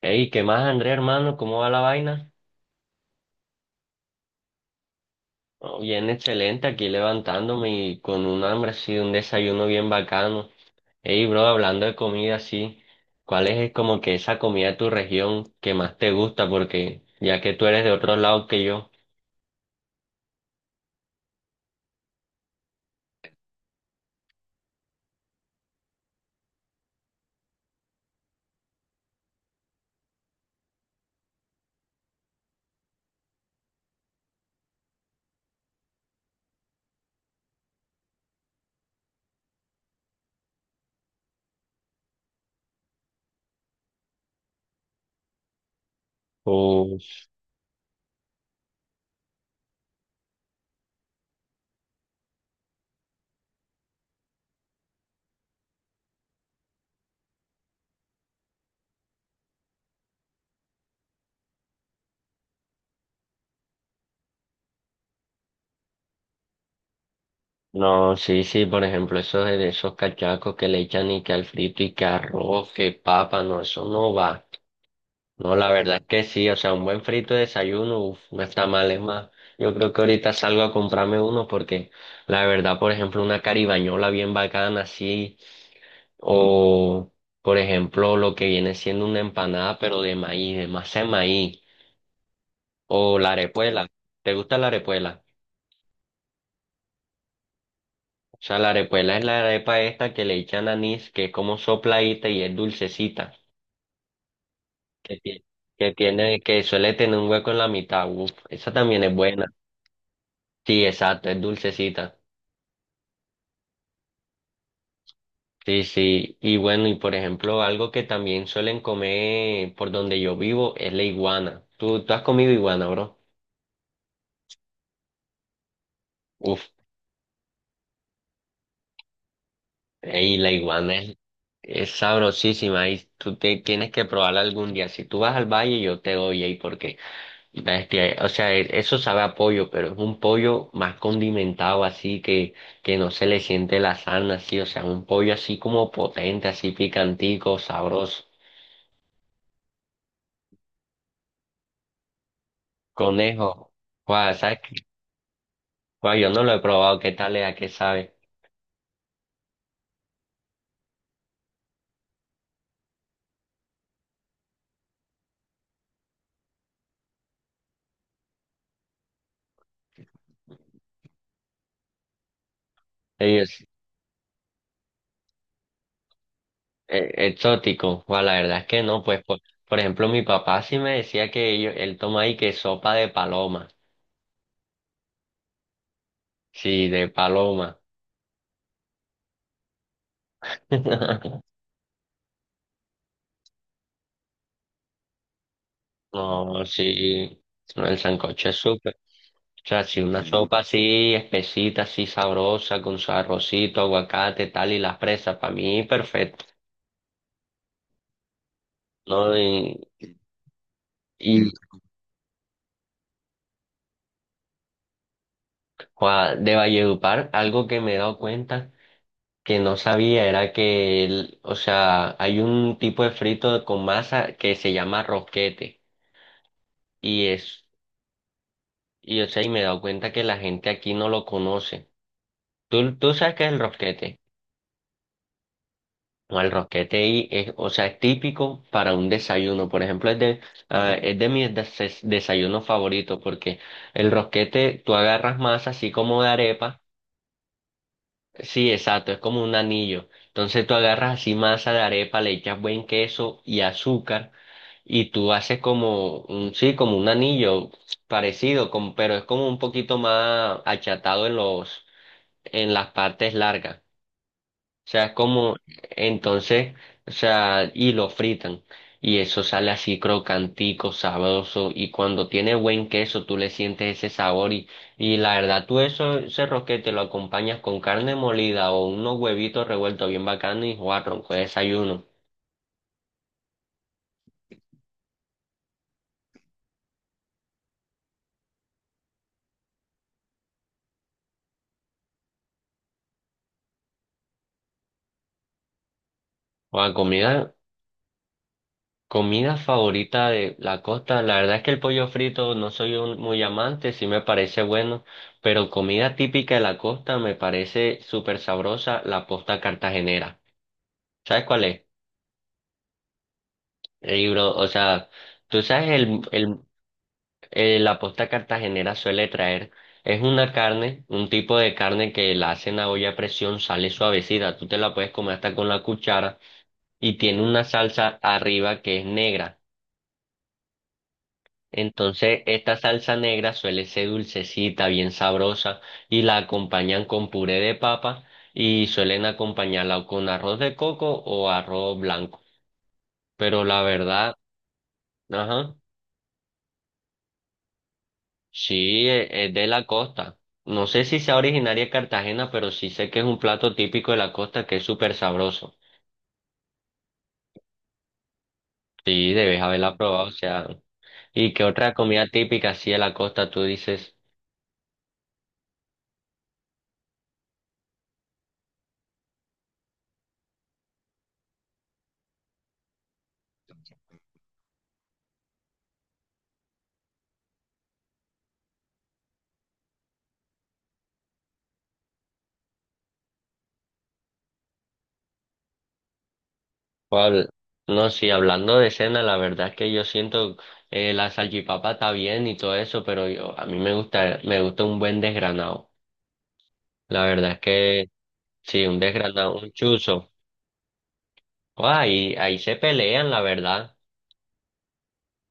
Hey, ¿qué más, André, hermano? ¿Cómo va la vaina? Oh, bien, excelente, aquí levantándome y con un hambre así, un desayuno bien bacano. Hey, bro, hablando de comida así, ¿cuál es como que esa comida de tu región que más te gusta? Porque ya que tú eres de otro lado que yo. Uf, no, sí, sí, por ejemplo, esos de esos cachacos que le echan y que al frito y que arroz, que papa, no, eso no va. No, la verdad es que sí, o sea, un buen frito de desayuno, uf, no está mal, es más. Yo creo que ahorita salgo a comprarme uno porque la verdad, por ejemplo, una caribañola bien bacana así, o por ejemplo, lo que viene siendo una empanada pero de maíz, de masa de maíz, o la arepuela. ¿Te gusta la arepuela? O sea, la arepuela es la arepa esta que le echan anís, que es como sopladita y es dulcecita, que tiene, que tiene, que suele tener un hueco en la mitad, uf, esa también es buena. Sí, exacto, es dulcecita. Sí, sí. Y bueno, y por ejemplo, algo que también suelen comer por donde yo vivo es la iguana. ¿Tú has comido iguana, bro? Uf, y la iguana es sabrosísima y tú te, tienes que probarla algún día. Si tú vas al valle, yo te doy ahí porque, bestia, o sea, e- eso sabe a pollo, pero es un pollo más condimentado así que no se le siente la sarna así, o sea, un pollo así como potente, así picantico, sabroso. Conejo, guau, ¿sabes qué? Guau, yo no lo he probado, ¿qué tal es? ¿A qué sabe? Ellos, exótico, guau, la verdad es que no, pues por ejemplo mi papá sí me decía que ellos, él toma ahí que sopa de paloma, sí, de paloma. No, sí, no, el sancocho es súper, o sea, sí, una Sí. sopa así espesita, así sabrosa, con su arrocito, aguacate, tal, y las presas, para mí perfecto, ¿no? Y guau, de Valledupar, algo que me he dado cuenta. Que no sabía era que, el- o sea, hay un tipo de frito con masa que se llama rosquete y es, y o sea, y me he dado cuenta que la gente aquí no lo conoce. ¿Tú sabes qué es el rosquete? No, el rosquete ahí es, o sea, es típico para un desayuno. Por ejemplo, es de, ah, es de mis des- desayunos favoritos porque el rosquete, tú agarras masa así como de arepa. Sí, exacto, es como un anillo. Entonces tú agarras así masa de arepa, le echas buen queso y azúcar y tú haces como un, sí, como un anillo parecido, como- pero es como un poquito más achatado en los, en las partes largas. O sea, es como, entonces, o sea, y lo fritan. Y eso sale así crocantico, sabroso. Y cuando tiene buen queso, tú le sientes ese sabor. Y la verdad, tú eso, ese rosquete lo acompañas con carne molida o unos huevitos revueltos bien bacanos y jugar ronco de desayuno. O comida, comida favorita de la costa. La verdad es que el pollo frito no soy un- muy amante, sí me parece bueno. Pero comida típica de la costa me parece súper sabrosa, la posta cartagenera. ¿Sabes cuál es? El libro, o sea, tú sabes, el, la posta cartagenera suele traer, es una carne, un tipo de carne que la hacen a olla a presión, sale suavecida, tú te la puedes comer hasta con la cuchara y tiene una salsa arriba que es negra. Entonces, esta salsa negra suele ser dulcecita, bien sabrosa y la acompañan con puré de papa y suelen acompañarla o con arroz de coco o arroz blanco. Pero la verdad, ajá. Sí, e- es de la costa. No sé si sea originaria de Cartagena, pero sí sé que es un plato típico de la costa que es súper sabroso. Sí, debes haberla probado, o sea. ¿Y qué otra comida típica así de la costa tú dices? ¿Cuál? No, sí, hablando de cena, la verdad es que yo siento la salchipapa está bien y todo eso, pero yo a mí me gusta un buen desgranado. La verdad es que sí, un desgranado, un chuzo. Ah, ahí, ahí se pelean, la verdad.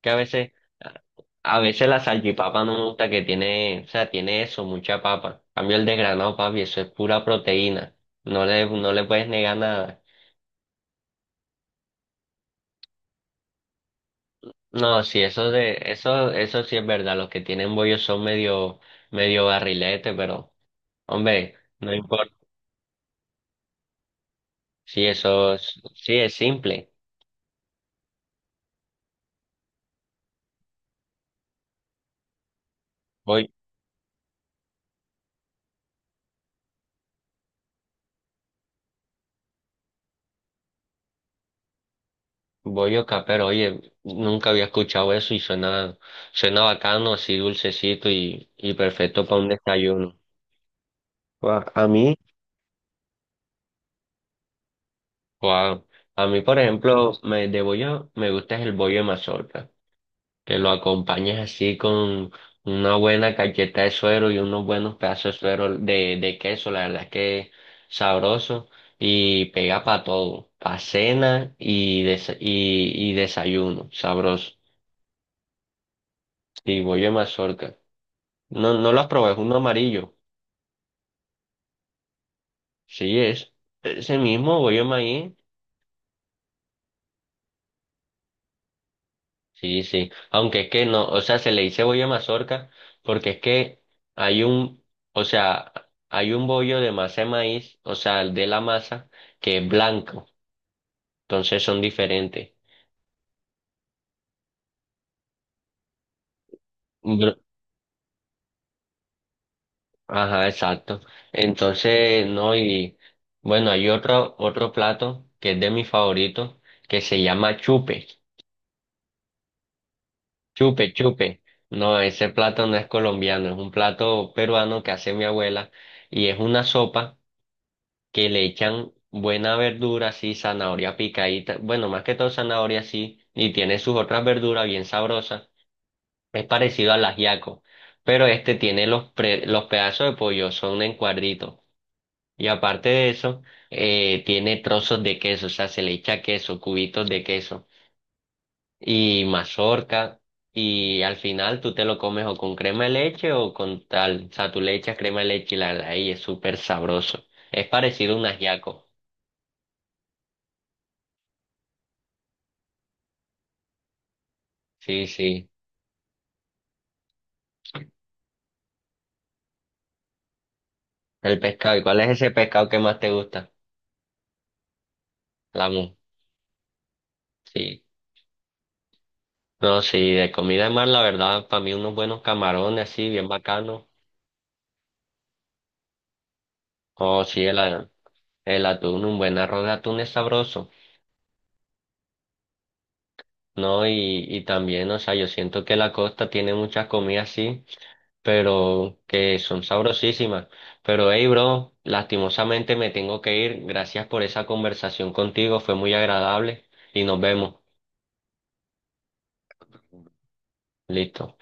Que a veces, a a veces la salchipapa no me gusta que tiene, o sea, tiene eso, mucha papa. En cambio el desgranado, papi, eso es pura proteína. No le, no le puedes negar nada. No, sí, eso de, eso sí es verdad. Los que tienen bollos son medio, medio barrilete, pero, hombre, no importa. Sí, eso, es- sí es simple. Voy, bollo capero, oye, nunca había escuchado eso y suena, suena bacano, así dulcecito y perfecto para un desayuno. Guau, a mí. Wow. A mí, por ejemplo, me, de bollo, me gusta es el bollo de mazorca, que lo acompañes así con una buena cacheta de suero y unos buenos pedazos de suero de queso, la verdad es que es sabroso y pega para todo, para cena y, desa- y desayuno, sabroso. Y bollo de mazorca. No, no lo has probado, es uno amarillo. Sí, es ese mismo bollo de maíz. Sí, sí, aunque es que no, o sea, se le dice bollo de mazorca porque es que hay un, o sea, hay un bollo de masa de maíz, o sea, el de la masa, que es blanco, entonces son diferentes. Br- ajá, exacto. Entonces, no, y bueno, hay otro, otro plato que es de mis favoritos, que se llama chupe, chupe. No, ese plato no es colombiano, es un plato peruano que hace mi abuela y es una sopa que le echan buena verdura, sí, zanahoria picadita, bueno, más que todo zanahoria, sí, y tiene sus otras verduras bien sabrosas. Es parecido al ajiaco, pero este tiene los, pre- los pedazos de pollo, son en cuadritos. Y aparte de eso, tiene trozos de queso, o sea, se le echa queso, cubitos de queso y mazorca. Y al final tú te lo comes o con crema de leche o con tal, o sea, tú le echas crema de leche y la verdad, ahí es súper sabroso. Es parecido a un ajiaco. Sí, sí. El pescado. ¿Y cuál es ese pescado que más te gusta? La mu. Sí. No, sí, de comida de mar, la verdad, para mí unos buenos camarones así, bien bacanos. Oh, sí, el, a- el atún, un buen arroz de atún es sabroso. No, y también, o sea, yo siento que la costa tiene muchas comidas así, pero que son sabrosísimas. Pero hey, bro, lastimosamente me tengo que ir. Gracias por esa conversación contigo, fue muy agradable y nos vemos. Listo.